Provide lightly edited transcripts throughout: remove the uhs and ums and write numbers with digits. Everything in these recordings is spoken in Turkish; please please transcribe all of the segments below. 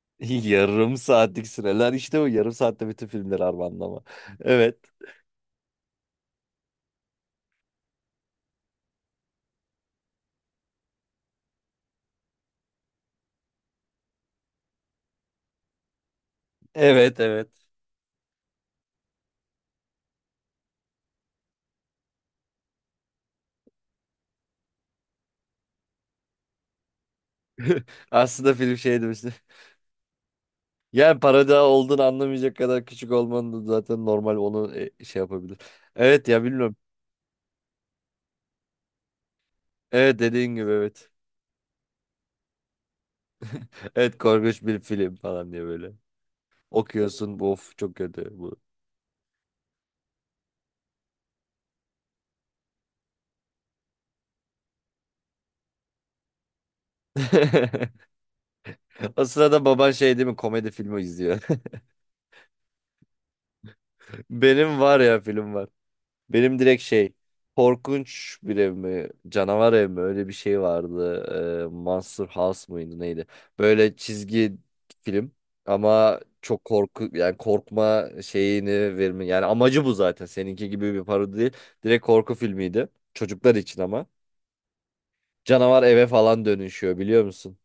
Yarım saatlik süreler işte bu yarım saatte bütün filmleri armağanlama. Evet. Evet evet. Aslında film şey demişti. Yani parada olduğunu anlamayacak kadar küçük olmanın da zaten normal onu şey yapabilir. Evet ya bilmiyorum. Evet dediğin gibi evet. Evet korkunç bir film falan diye böyle. Okuyorsun bu of çok kötü bu. O sırada baban şey değil mi komedi filmi izliyor. Benim var ya film var. Benim direkt şey korkunç bir ev mi canavar ev mi öyle bir şey vardı. Monster House mıydı neydi? Böyle çizgi film ama çok korku yani korkma şeyini verme yani amacı bu zaten seninki gibi bir parodi değil. Direkt korku filmiydi çocuklar için ama canavar eve falan dönüşüyor biliyor musun?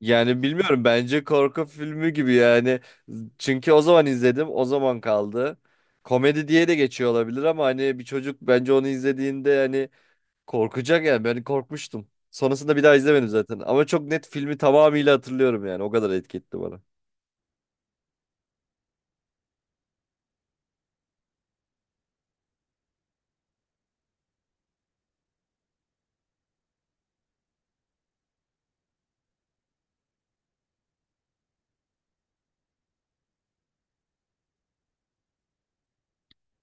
Yani bilmiyorum bence korku filmi gibi yani. Çünkü o zaman izledim, o zaman kaldı. Komedi diye de geçiyor olabilir ama hani bir çocuk bence onu izlediğinde hani korkacak yani ben korkmuştum. Sonrasında bir daha izlemedim zaten ama çok net filmi tamamıyla hatırlıyorum yani o kadar etki etti bana.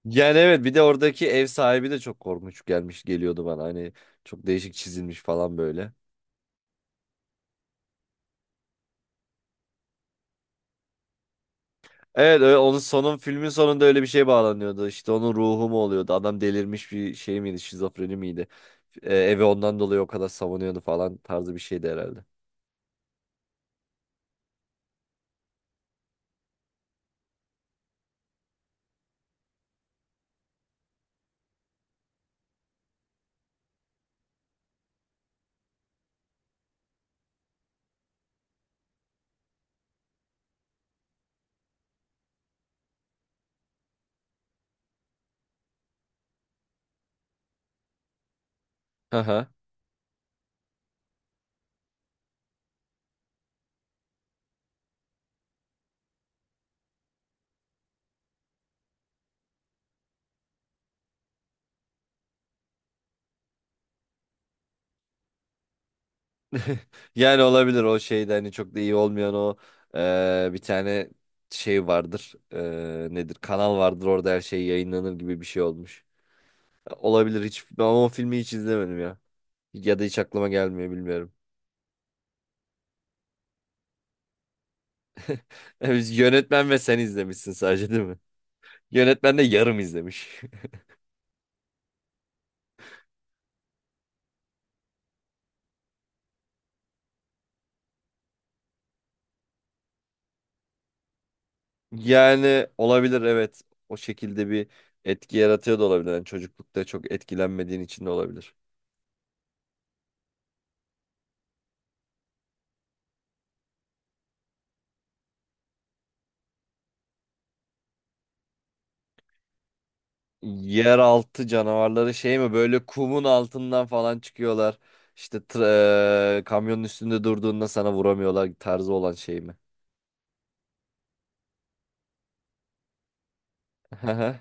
Yani evet bir de oradaki ev sahibi de çok korkunç gelmiş geliyordu bana hani çok değişik çizilmiş falan böyle. Evet, onun sonun filmin sonunda öyle bir şey bağlanıyordu. İşte onun ruhu mu oluyordu? Adam delirmiş bir şey miydi? Şizofreni miydi? Evi ondan dolayı o kadar savunuyordu falan tarzı bir şeydi herhalde. Aha. Yani olabilir o şeyde hani çok da iyi olmayan o bir tane şey vardır. E, nedir? Kanal vardır orada her şey yayınlanır gibi bir şey olmuş. Olabilir hiç ben o filmi hiç izlemedim ya. Ya da hiç aklıma gelmiyor bilmiyorum. Biz yönetmen ve sen izlemişsin sadece değil mi? Yönetmen de yarım izlemiş. Yani olabilir evet. O şekilde bir etki yaratıyor da olabilir. Yani çocuklukta çok etkilenmediğin için de olabilir. Yeraltı canavarları şey mi böyle kumun altından falan çıkıyorlar. İşte kamyonun üstünde durduğunda sana vuramıyorlar tarzı olan şey mi? Aha.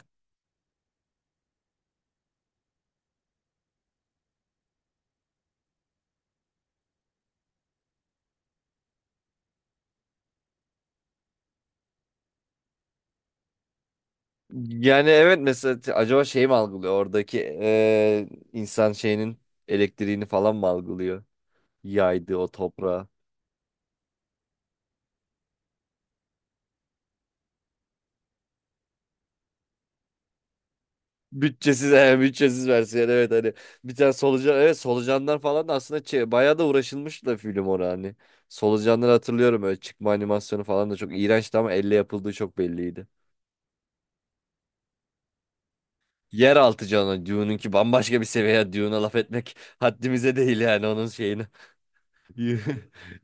Yani evet mesela acaba şey mi algılıyor oradaki insan şeyinin elektriğini falan mı algılıyor? Yaydı o toprağa. Bütçesiz, he, bütçesiz versiyon evet hani bir tane solucan evet solucanlar falan da aslında bayağı da uğraşılmış da film orada hani. Solucanları hatırlıyorum öyle çıkma animasyonu falan da çok iğrençti ama elle yapıldığı çok belliydi. Yeraltı canı Dune'un ki bambaşka bir seviye Dune'a laf etmek haddimize değil yani onun şeyini.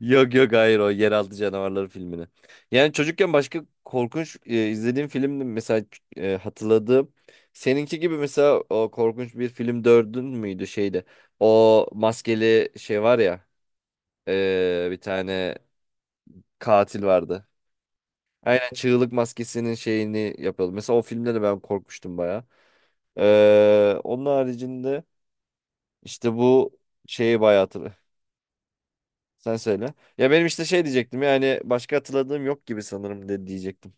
Yok yok hayır o Yeraltı Canavarları filmini. Yani çocukken başka korkunç izlediğim film mesela hatırladığım seninki gibi mesela o korkunç bir film dördün müydü şeyde. O maskeli şey var ya bir tane katil vardı. Aynen çığlık maskesinin şeyini yapıyordu. Mesela o filmde de ben korkmuştum baya. Onun haricinde işte bu şeyi bayağı hatırlıyorum. Sen söyle. Ya benim işte şey diyecektim yani başka hatırladığım yok gibi sanırım de diyecektim.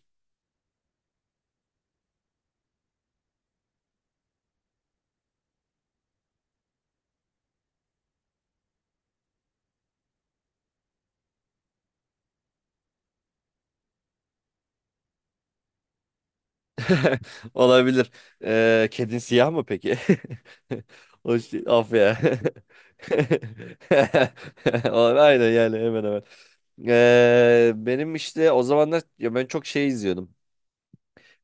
Olabilir. Kedin siyah mı peki? O şey, of ya. Aynen yani hemen hemen. Benim işte o zamanlar ya ben çok şey izliyordum.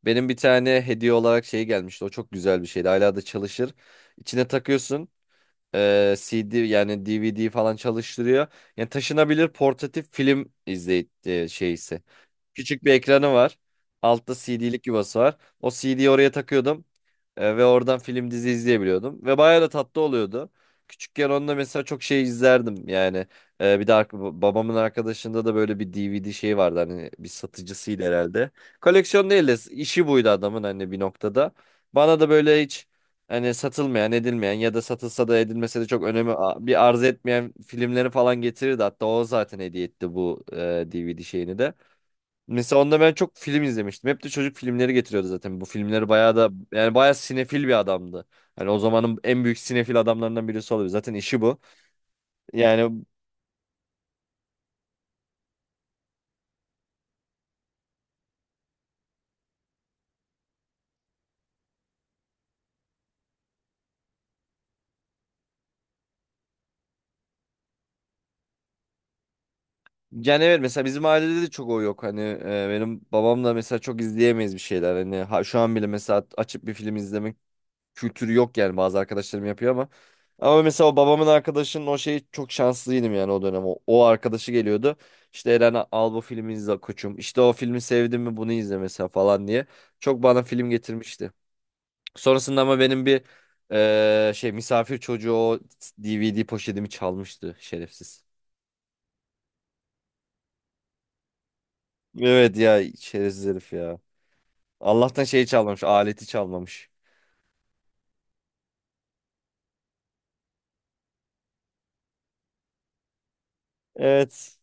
Benim bir tane hediye olarak şey gelmişti. O çok güzel bir şeydi. Hala da çalışır. İçine takıyorsun. CD yani DVD falan çalıştırıyor. Yani taşınabilir portatif film şeysi. Küçük bir ekranı var. Altta CD'lik yuvası var. O CD'yi oraya takıyordum. Ve oradan film dizi izleyebiliyordum. Ve bayağı da tatlı oluyordu. Küçükken onda mesela çok şey izlerdim yani. Bir de babamın arkadaşında da böyle bir DVD şeyi vardı hani bir satıcısıydı herhalde. Koleksiyon değil de işi buydu adamın hani bir noktada. Bana da böyle hiç hani satılmayan edilmeyen ya da satılsa da edilmese de çok bir arz etmeyen filmleri falan getirirdi. Hatta o zaten hediye etti bu DVD şeyini de. Mesela onda ben çok film izlemiştim. Hep de çocuk filmleri getiriyordu zaten. Bu filmleri bayağı da yani bayağı sinefil bir adamdı. Yani o zamanın en büyük sinefil adamlarından birisi olabilir. Zaten işi bu. Yani yani evet mesela bizim ailede de çok o yok. Hani benim babamla mesela çok izleyemeyiz bir şeyler. Hani şu an bile mesela açıp bir film izlemek kültürü yok yani bazı arkadaşlarım yapıyor ama. Ama mesela o babamın arkadaşının o şeyi çok şanslıydım yani o dönem. O arkadaşı geliyordu. İşte Eren al bu filmi izle koçum. İşte o filmi sevdim mi bunu izle mesela falan diye. Çok bana film getirmişti. Sonrasında ama benim bir şey misafir çocuğu o DVD poşetimi çalmıştı şerefsiz. Evet ya şerefsiz herif ya. Allah'tan şeyi çalmamış, aleti çalmamış. Evet.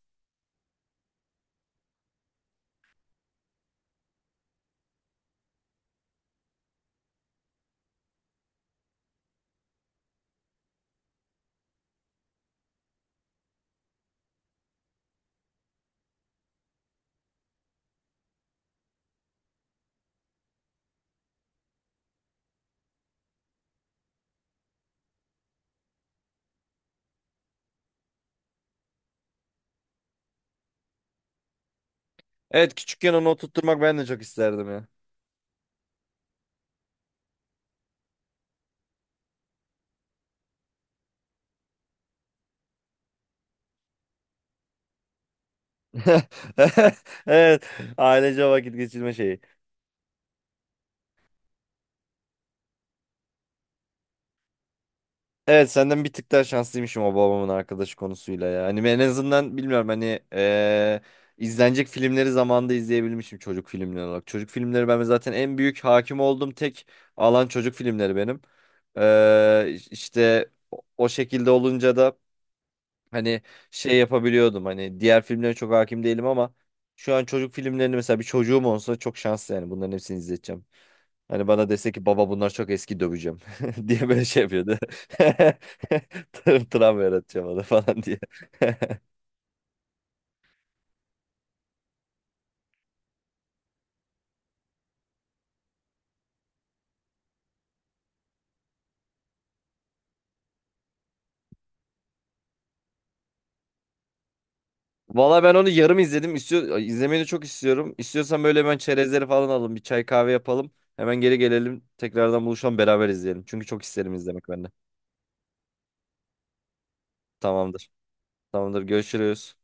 Evet küçükken onu oturtturmak ben de çok isterdim ya. Evet. Ailece vakit geçirme şeyi. Evet senden bir tık daha şanslıymışım o babamın arkadaşı konusuyla ya. Hani ben en azından bilmiyorum hani izlenecek filmleri zamanında izleyebilmişim çocuk filmleri olarak. Çocuk filmleri ben zaten en büyük hakim olduğum tek alan çocuk filmleri benim. İşte o şekilde olunca da hani şey yapabiliyordum. Hani diğer filmlere çok hakim değilim ama şu an çocuk filmlerini mesela bir çocuğum olsa çok şanslı yani bunların hepsini izleteceğim. Hani bana dese ki baba bunlar çok eski döveceğim diye böyle şey yapıyordu. Travma yaratacağım ona falan diye. Valla ben onu yarım izledim. İstiyor, izlemeyi de çok istiyorum. İstiyorsan böyle hemen çerezleri falan alalım. Bir çay kahve yapalım. Hemen geri gelelim. Tekrardan buluşalım beraber izleyelim. Çünkü çok isterim izlemek ben de. Tamamdır. Tamamdır. Görüşürüz.